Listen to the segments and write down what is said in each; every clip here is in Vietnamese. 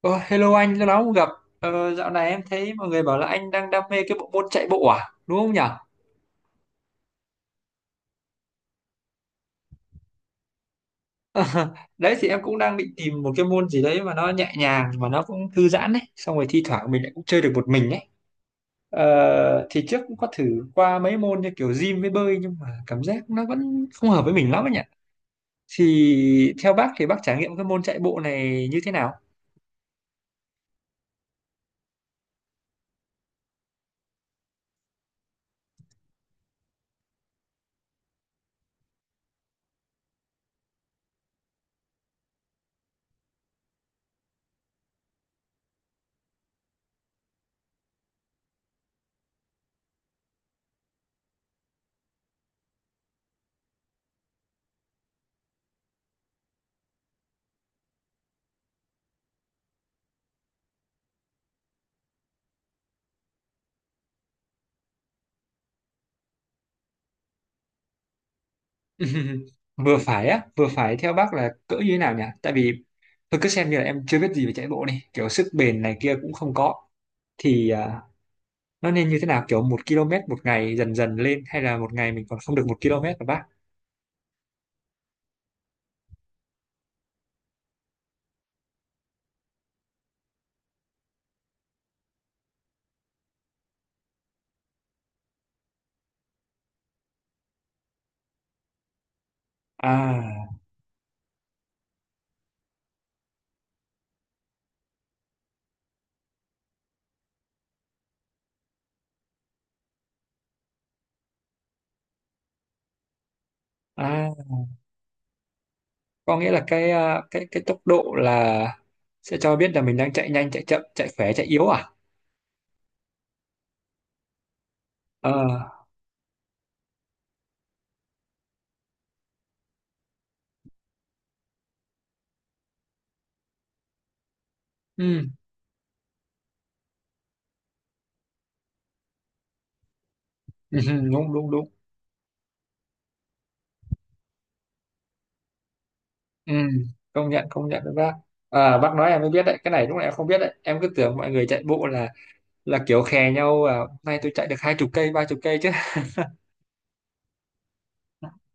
Ờ, Hello anh, lâu lắm không gặp. Dạo này em thấy mọi người bảo là anh đang đam mê cái bộ môn chạy bộ à, đúng không nhỉ? Đấy thì em cũng đang định tìm một cái môn gì đấy mà nó nhẹ nhàng mà nó cũng thư giãn đấy, xong rồi thi thoảng mình lại cũng chơi được một mình ấy. Thì trước cũng có thử qua mấy môn như kiểu gym với bơi nhưng mà cảm giác nó vẫn không hợp với mình lắm ấy nhỉ. Thì theo bác thì bác trải nghiệm cái môn chạy bộ này như thế nào? Vừa phải á, vừa phải theo bác là cỡ như thế nào nhỉ? Tại vì tôi cứ xem như là em chưa biết gì về chạy bộ đi, kiểu sức bền này kia cũng không có, thì nó nên như thế nào? Kiểu một km một ngày dần dần lên, hay là một ngày mình còn không được một km mà bác. À, à, có nghĩa là cái à, cái cái tốc độ là sẽ cho biết là mình đang chạy nhanh chạy chậm chạy khỏe chạy yếu à? Ờ, ừ, ừ, ừ, đúng đúng đúng. Ừ, công nhận với bác. À, bác nói em mới biết đấy, cái này lúc này em không biết đấy, em cứ tưởng mọi người chạy bộ là kiểu khè nhau, à, hôm nay tôi chạy được 20 cây 30 cây chứ.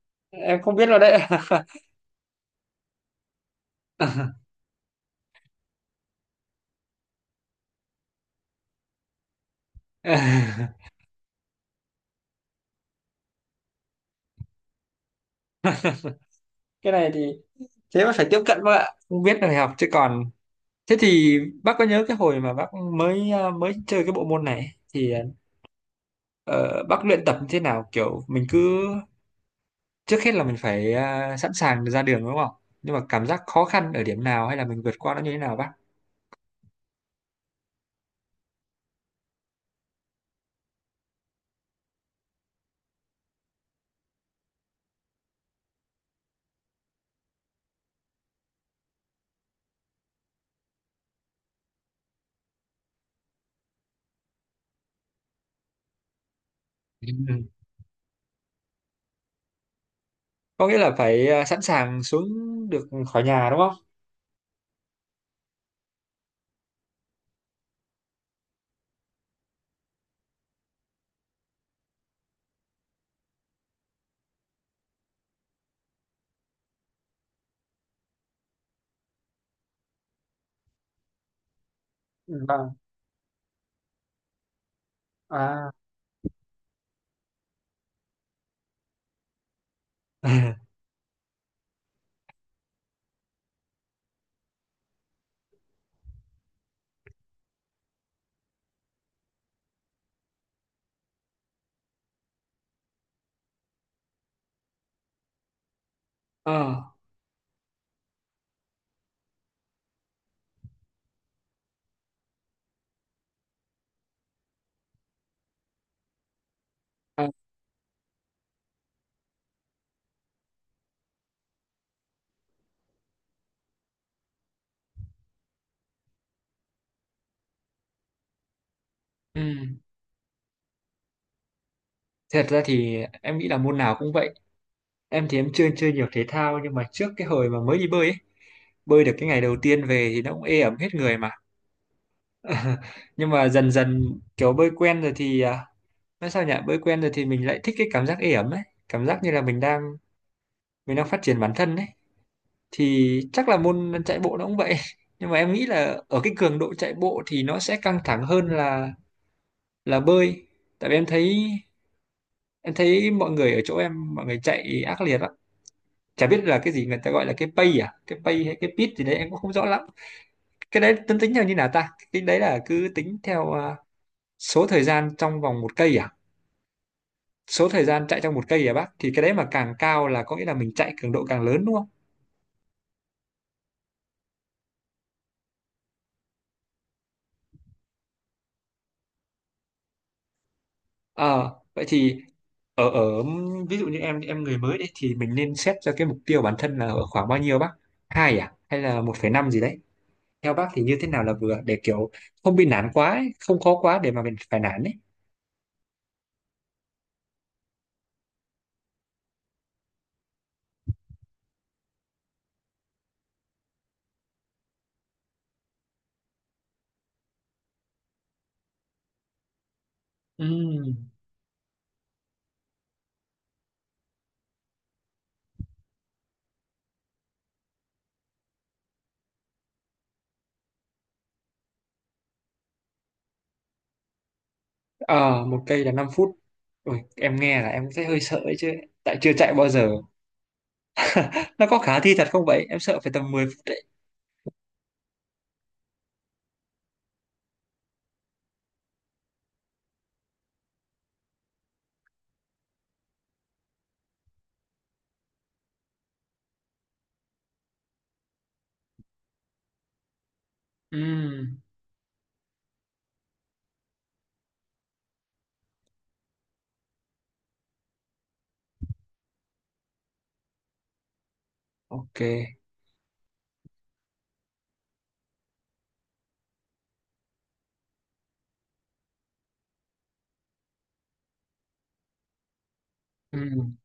Em không biết rồi đấy. Cái này thì thế mà phải tiếp cận bác ạ, không biết rồi học chứ còn. Thế thì bác có nhớ cái hồi mà bác mới chơi cái bộ môn này thì ờ, bác luyện tập như thế nào? Kiểu mình cứ trước hết là mình phải sẵn sàng ra đường đúng không? Nhưng mà cảm giác khó khăn ở điểm nào, hay là mình vượt qua nó như thế nào bác? Ừ. Có nghĩa là phải sẵn sàng xuống được khỏi nhà đúng không? Ừ, vâng. À. Ờ. Ừ. Thật ra thì em nghĩ là môn nào cũng vậy. Em thì em chưa chơi nhiều thể thao nhưng mà trước cái hồi mà mới đi bơi ấy, bơi được cái ngày đầu tiên về thì nó cũng ê ẩm hết người mà. Nhưng mà dần dần kiểu bơi quen rồi thì nói sao nhỉ? Bơi quen rồi thì mình lại thích cái cảm giác ê ẩm ấy, cảm giác như là mình đang phát triển bản thân ấy. Thì chắc là môn chạy bộ nó cũng vậy. Nhưng mà em nghĩ là ở cái cường độ chạy bộ thì nó sẽ căng thẳng hơn là bơi. Tại vì em thấy mọi người ở chỗ em mọi người chạy ác liệt, chả biết là cái gì người ta gọi là cái pay hay cái bit gì đấy em cũng không rõ lắm. Cái đấy tính tính theo như nào ta? Cái đấy là cứ tính theo số thời gian trong vòng một cây à? Số thời gian chạy trong một cây à bác? Thì cái đấy mà càng cao là có nghĩa là mình chạy cường độ càng lớn đúng không? Ờ vậy thì ở ở ví dụ như em người mới đấy thì mình nên xét cho cái mục tiêu bản thân là ở khoảng bao nhiêu bác? Hai à, hay là 1,5 gì đấy? Theo bác thì như thế nào là vừa, để kiểu không bị nản quá ấy, không khó quá để mà mình phải nản ấy? Ừ. Ờ, Một cây là 5 phút. Ui, em nghe là em thấy hơi sợ ấy chứ. Tại chưa chạy bao giờ. Nó có khả thi thật không vậy? Em sợ phải tầm 10 phút đấy. Ừm, ok. Ừm,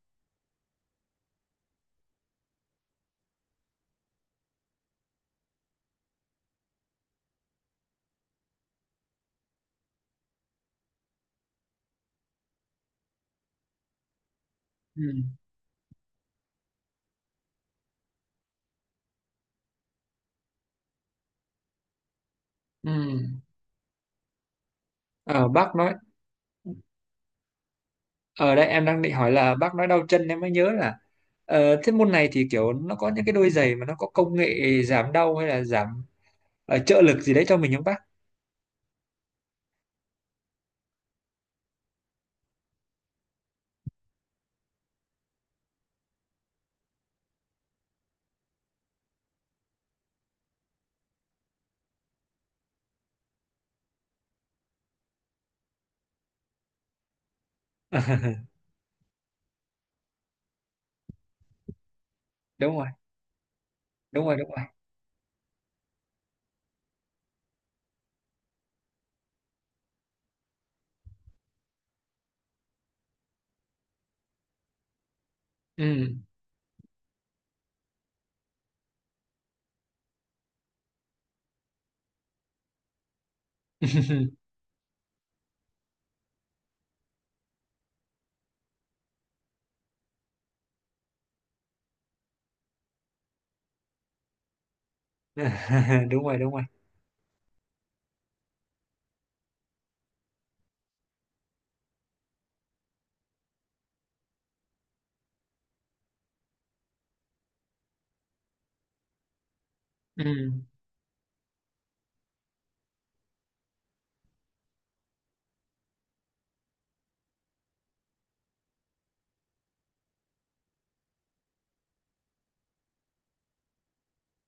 ừm, ừm. Ờ, bác nói, ở đây em đang định hỏi là bác nói đau chân em mới nhớ là thế môn này thì kiểu nó có những cái đôi giày mà nó có công nghệ giảm đau hay là giảm trợ lực gì đấy cho mình không bác? Đúng rồi, đúng rồi, đúng rồi. Ừm. Đúng rồi, đúng rồi. Ừm,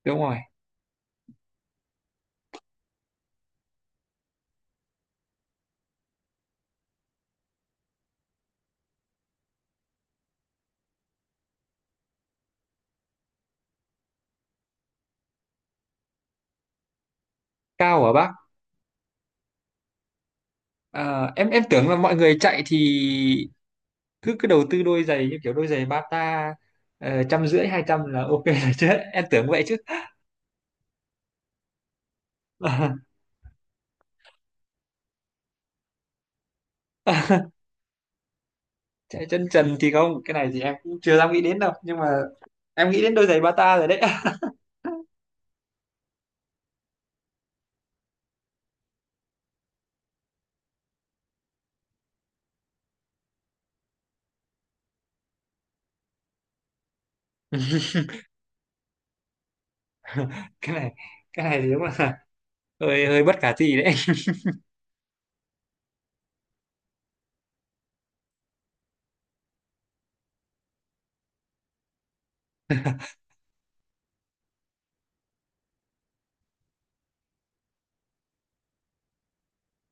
đúng rồi. Cao hả bác? À, em tưởng là mọi người chạy thì cứ cứ đầu tư đôi giày như kiểu đôi giày Bata, 150 200 là ok rồi chứ em tưởng vậy chứ. Ờ, chạy chân trần thì không, cái này thì em cũng chưa dám nghĩ đến đâu, nhưng mà em nghĩ đến đôi giày Bata rồi đấy. cái này cái này thì đúng là hơi hơi bất khả thi đấy.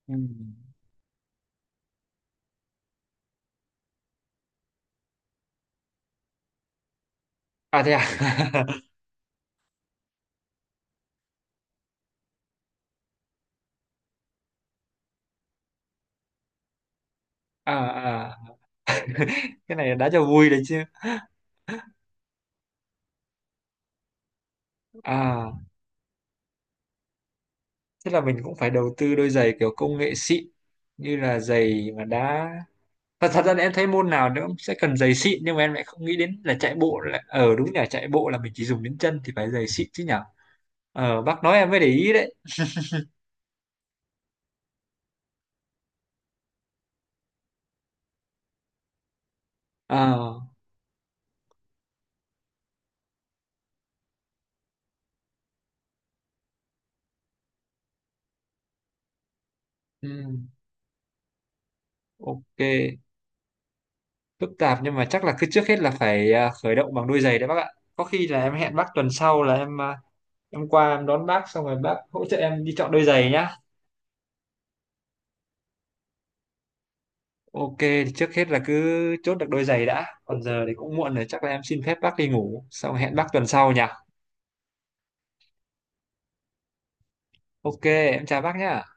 Ừ. À thế à? À, à. Cái này đã cho vui đấy chứ. À, thế là mình cũng phải đầu tư đôi giày kiểu công nghệ xịn, như là giày mà đá. Và thật ra là em thấy môn nào nó cũng sẽ cần giày xịn, nhưng mà em lại không nghĩ đến là chạy bộ, là ở đúng là chạy bộ là mình chỉ dùng đến chân thì phải giày xịn chứ nhở. Ờ, bác nói em mới để ý đấy. Ờ, ừ, ok. Phức tạp, nhưng mà chắc là cứ trước hết là phải khởi động bằng đôi giày đấy bác ạ. Có khi là em hẹn bác tuần sau là em qua em đón bác, xong rồi bác hỗ trợ em đi chọn đôi giày nhá. Ok thì trước hết là cứ chốt được đôi giày đã, còn giờ thì cũng muộn rồi, chắc là em xin phép bác đi ngủ xong hẹn bác tuần sau nhỉ. Ok, em chào bác nhá.